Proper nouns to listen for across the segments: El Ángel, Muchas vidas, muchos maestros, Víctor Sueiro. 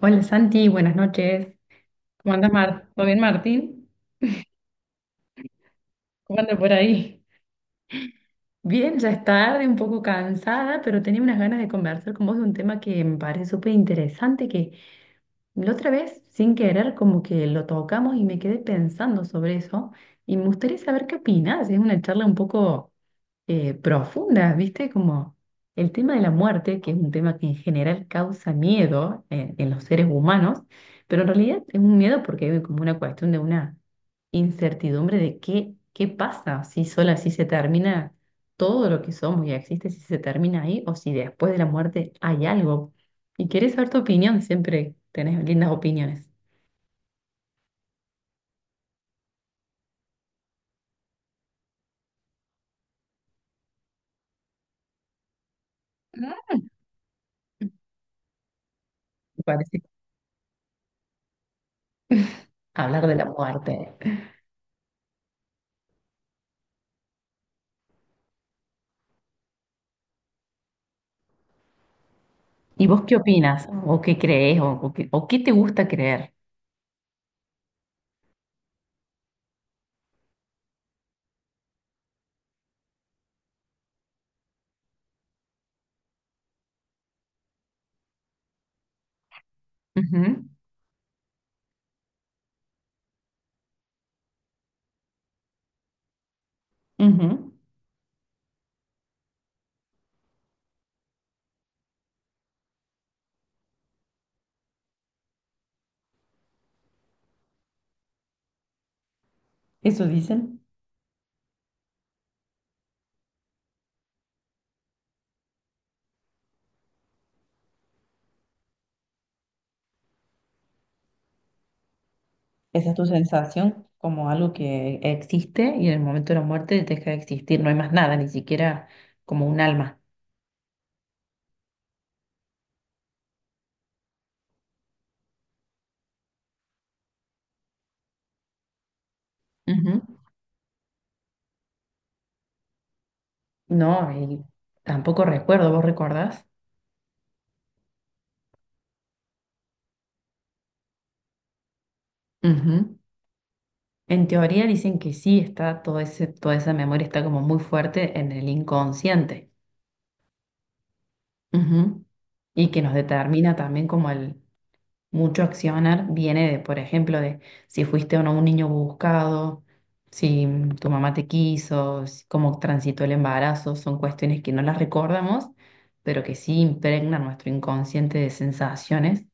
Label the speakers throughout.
Speaker 1: Hola Santi, buenas noches. ¿Cómo andas, Mar? ¿Todo bien, Martín? ¿Cómo andas por ahí? Bien, ya es tarde, un poco cansada, pero tenía unas ganas de conversar con vos de un tema que me parece súper interesante, que la otra vez, sin querer, como que lo tocamos y me quedé pensando sobre eso y me gustaría saber qué opinás. Es una charla un poco profundas, ¿viste? Como el tema de la muerte, que es un tema que en general causa miedo en los seres humanos, pero en realidad es un miedo porque hay como una cuestión de una incertidumbre de qué pasa, si sola, si se termina todo lo que somos y existe, si se termina ahí o si después de la muerte hay algo. Y querés saber tu opinión, siempre tenés lindas opiniones. Claro. Me parece hablar de la muerte. ¿Y vos qué opinas? ¿O qué crees? ¿O qué te gusta creer? Ujú. Ujú. Eso dicen. Esa es tu sensación, como algo que existe y en el momento de la muerte deja de existir. No hay más nada, ni siquiera como un alma. Ujú. No, y tampoco recuerdo, ¿vos recordás? Ujú. En teoría dicen que sí está todo ese, toda esa memoria está como muy fuerte en el inconsciente. Ujú. Y que nos determina también como el... Mucho accionar viene de, por ejemplo, de si fuiste o no un niño buscado, si tu mamá te quiso, si- cómo transitó el embarazo, son cuestiones que no las recordamos, pero que sí impregnan nuestro inconsciente de sensaciones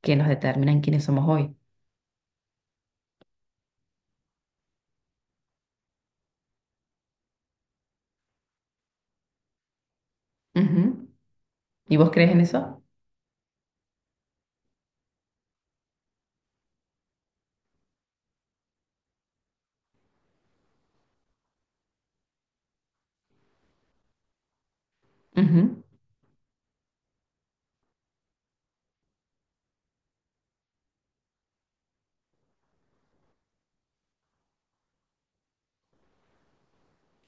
Speaker 1: que nos determinan quiénes somos hoy. Ujú. ¿Y vos crees en eso? Ujú.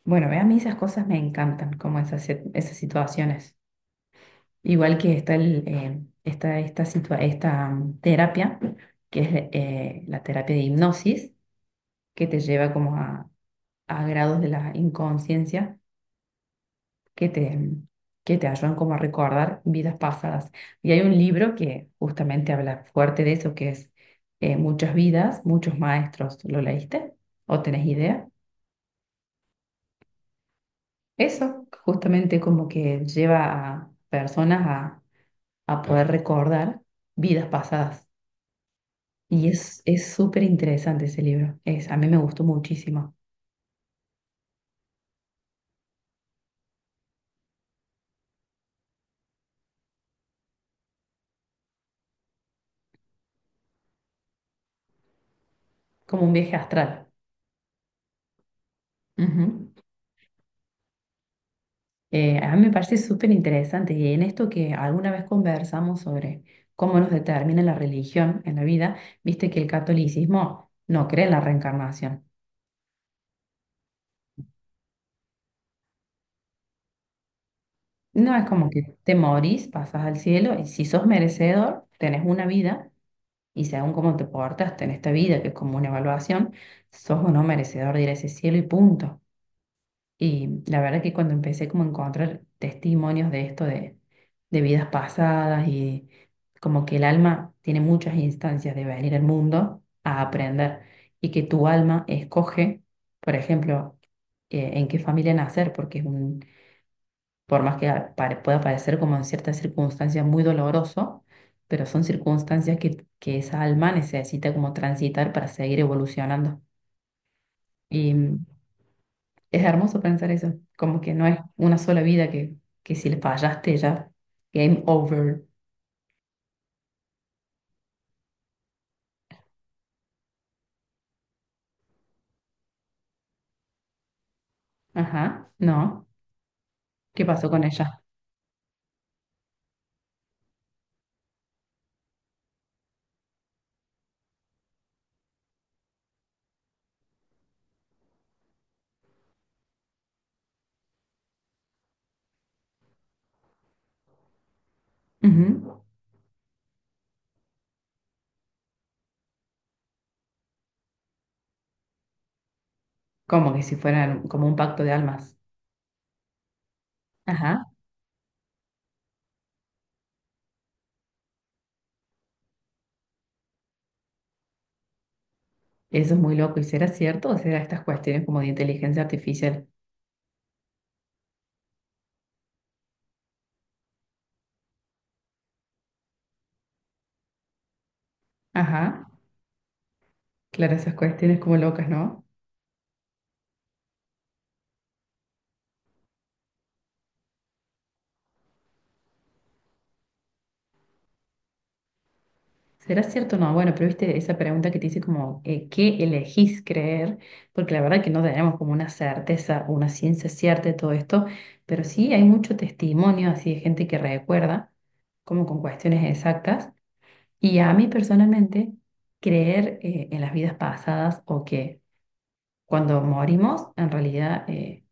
Speaker 1: Bueno, ve, a mí esas cosas me encantan, como esas, sit- esas situaciones. Igual que está está esta, situa- esta terapia, que es la terapia de hipnosis que te lleva como a grados de la inconsciencia que te, que te ayudan como a recordar vidas pasadas. Y hay un libro que justamente habla fuerte de eso, que es Muchas vidas, muchos maestros. ¿Lo leíste? ¿O tenés idea? Eso justamente como que lleva a personas a poder recordar vidas pasadas. Y es súper interesante ese libro. Es, a mí me gustó muchísimo, como un viaje astral. Ujú. A mí me parece súper interesante y en esto que alguna vez conversamos sobre cómo nos determina la religión en la vida, viste que el catolicismo no cree en la reencarnación. No es como que te morís, pasas al cielo y si sos merecedor, tenés una vida y según cómo te portas en esta vida, que es como una evaluación, sos o no merecedor de ir a ese cielo y punto. Y la verdad que cuando empecé como a encontrar testimonios de esto, de vidas pasadas y como que el alma tiene muchas instancias de venir al mundo a aprender y que tu alma escoge, por ejemplo, en qué familia nacer, porque es un, por más que a- pare- pueda parecer como en ciertas circunstancias muy doloroso, pero son circunstancias que esa alma necesita como transitar para seguir evolucionando. Es hermoso pensar eso, como que no es una sola vida que si le fallaste ya, game over. Ajá, no. ¿Qué pasó con ella? Ujú. Como que si fueran como un pacto de almas. Ajá, eso es muy loco. ¿Y será cierto o será estas cuestiones como de inteligencia artificial? Ajá, claro, esas cuestiones como locas, ¿no? ¿Será cierto o no? Bueno, pero viste esa pregunta que te hice como, ¿qué elegís creer? Porque la verdad que no tenemos como una certeza, una ciencia cierta de todo esto, pero sí hay mucho testimonio así de gente que recuerda, como con cuestiones exactas. Y a mí personalmente, creer en las vidas pasadas o que cuando morimos, en realidad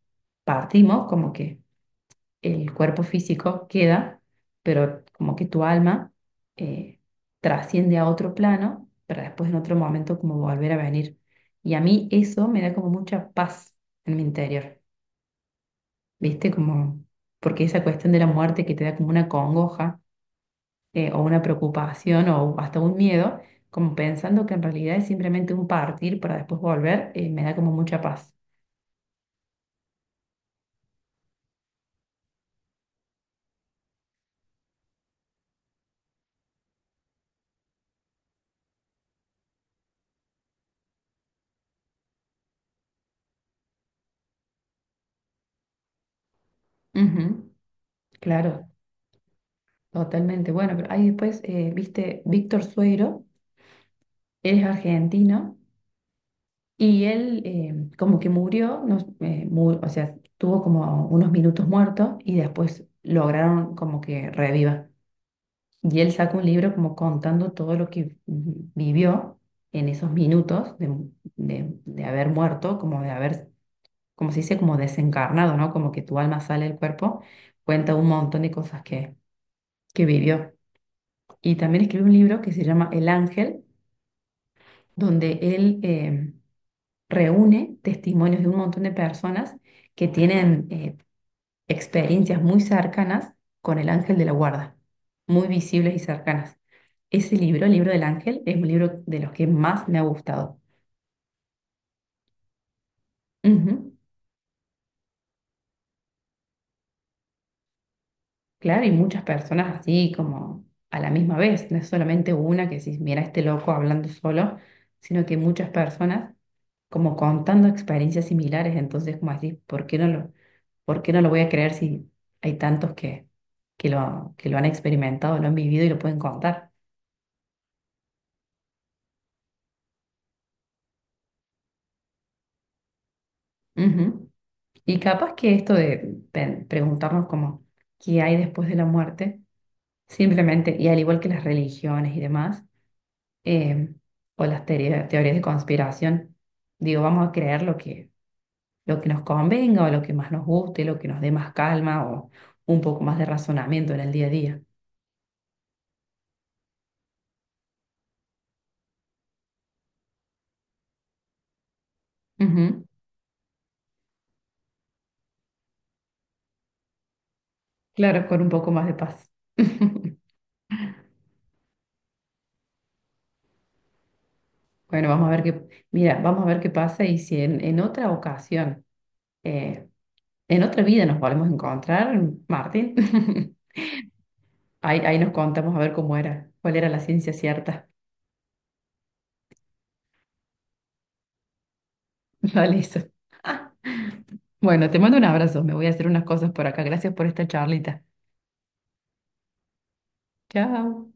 Speaker 1: partimos, como que el cuerpo físico queda, pero como que tu alma eh, trasciende a otro plano para después en otro momento como volver a venir. Y a mí eso me da como mucha paz en mi interior, ¿viste? Como, porque esa cuestión de la muerte que te da como una congoja o una preocupación o hasta un miedo, como pensando que en realidad es simplemente un partir para después volver, me da como mucha paz. Ujú, claro, totalmente. Bueno, pero ahí después, viste, Víctor Sueiro. Él es argentino y él como que murió, no, mu- o sea, tuvo como unos minutos muertos y después lograron como que reviva. Y él sacó un libro como contando todo lo que vi- vivió en esos minutos de haber muerto, como de haber, como se dice, como desencarnado, ¿no? Como que tu alma sale del cuerpo, cuenta un montón de cosas que vivió. Y también escribió un libro que se llama El Ángel, donde él... reúne testimonios de un montón de personas que tienen experiencias muy cercanas con el ángel de la guarda, muy visibles y cercanas. Ese libro, el libro del ángel, es un libro de los que más me ha gustado. Ujú. Claro, y muchas personas así como a la misma vez, no es solamente una que si mira este loco hablando solo, sino que muchas personas como contando experiencias similares, entonces como así ¿por qué no lo, por qué no lo voy a creer si hay tantos que lo han experimentado, lo han vivido y lo pueden contar? Ujú. Y capaz que esto de pe- preguntarnos como qué hay después de la muerte, simplemente, y al igual que las religiones y demás, eh, o las teoría- teorías de conspiración. Digo, vamos a creer lo que nos convenga o lo que más nos guste, lo que nos dé más calma o un poco más de razonamiento en el día a día. Ujú, claro, con un poco más de paz. Bueno, vamos a ver qué, mira, vamos a ver qué pasa y si en, en otra ocasión, eh, en otra vida nos volvemos a encontrar, Martín, ahí, ahí nos contamos a ver cómo era, cuál era la ciencia cierta. Vale, eso. Bueno, te mando un abrazo, me voy a hacer unas cosas por acá. Gracias por esta charlita. Chao.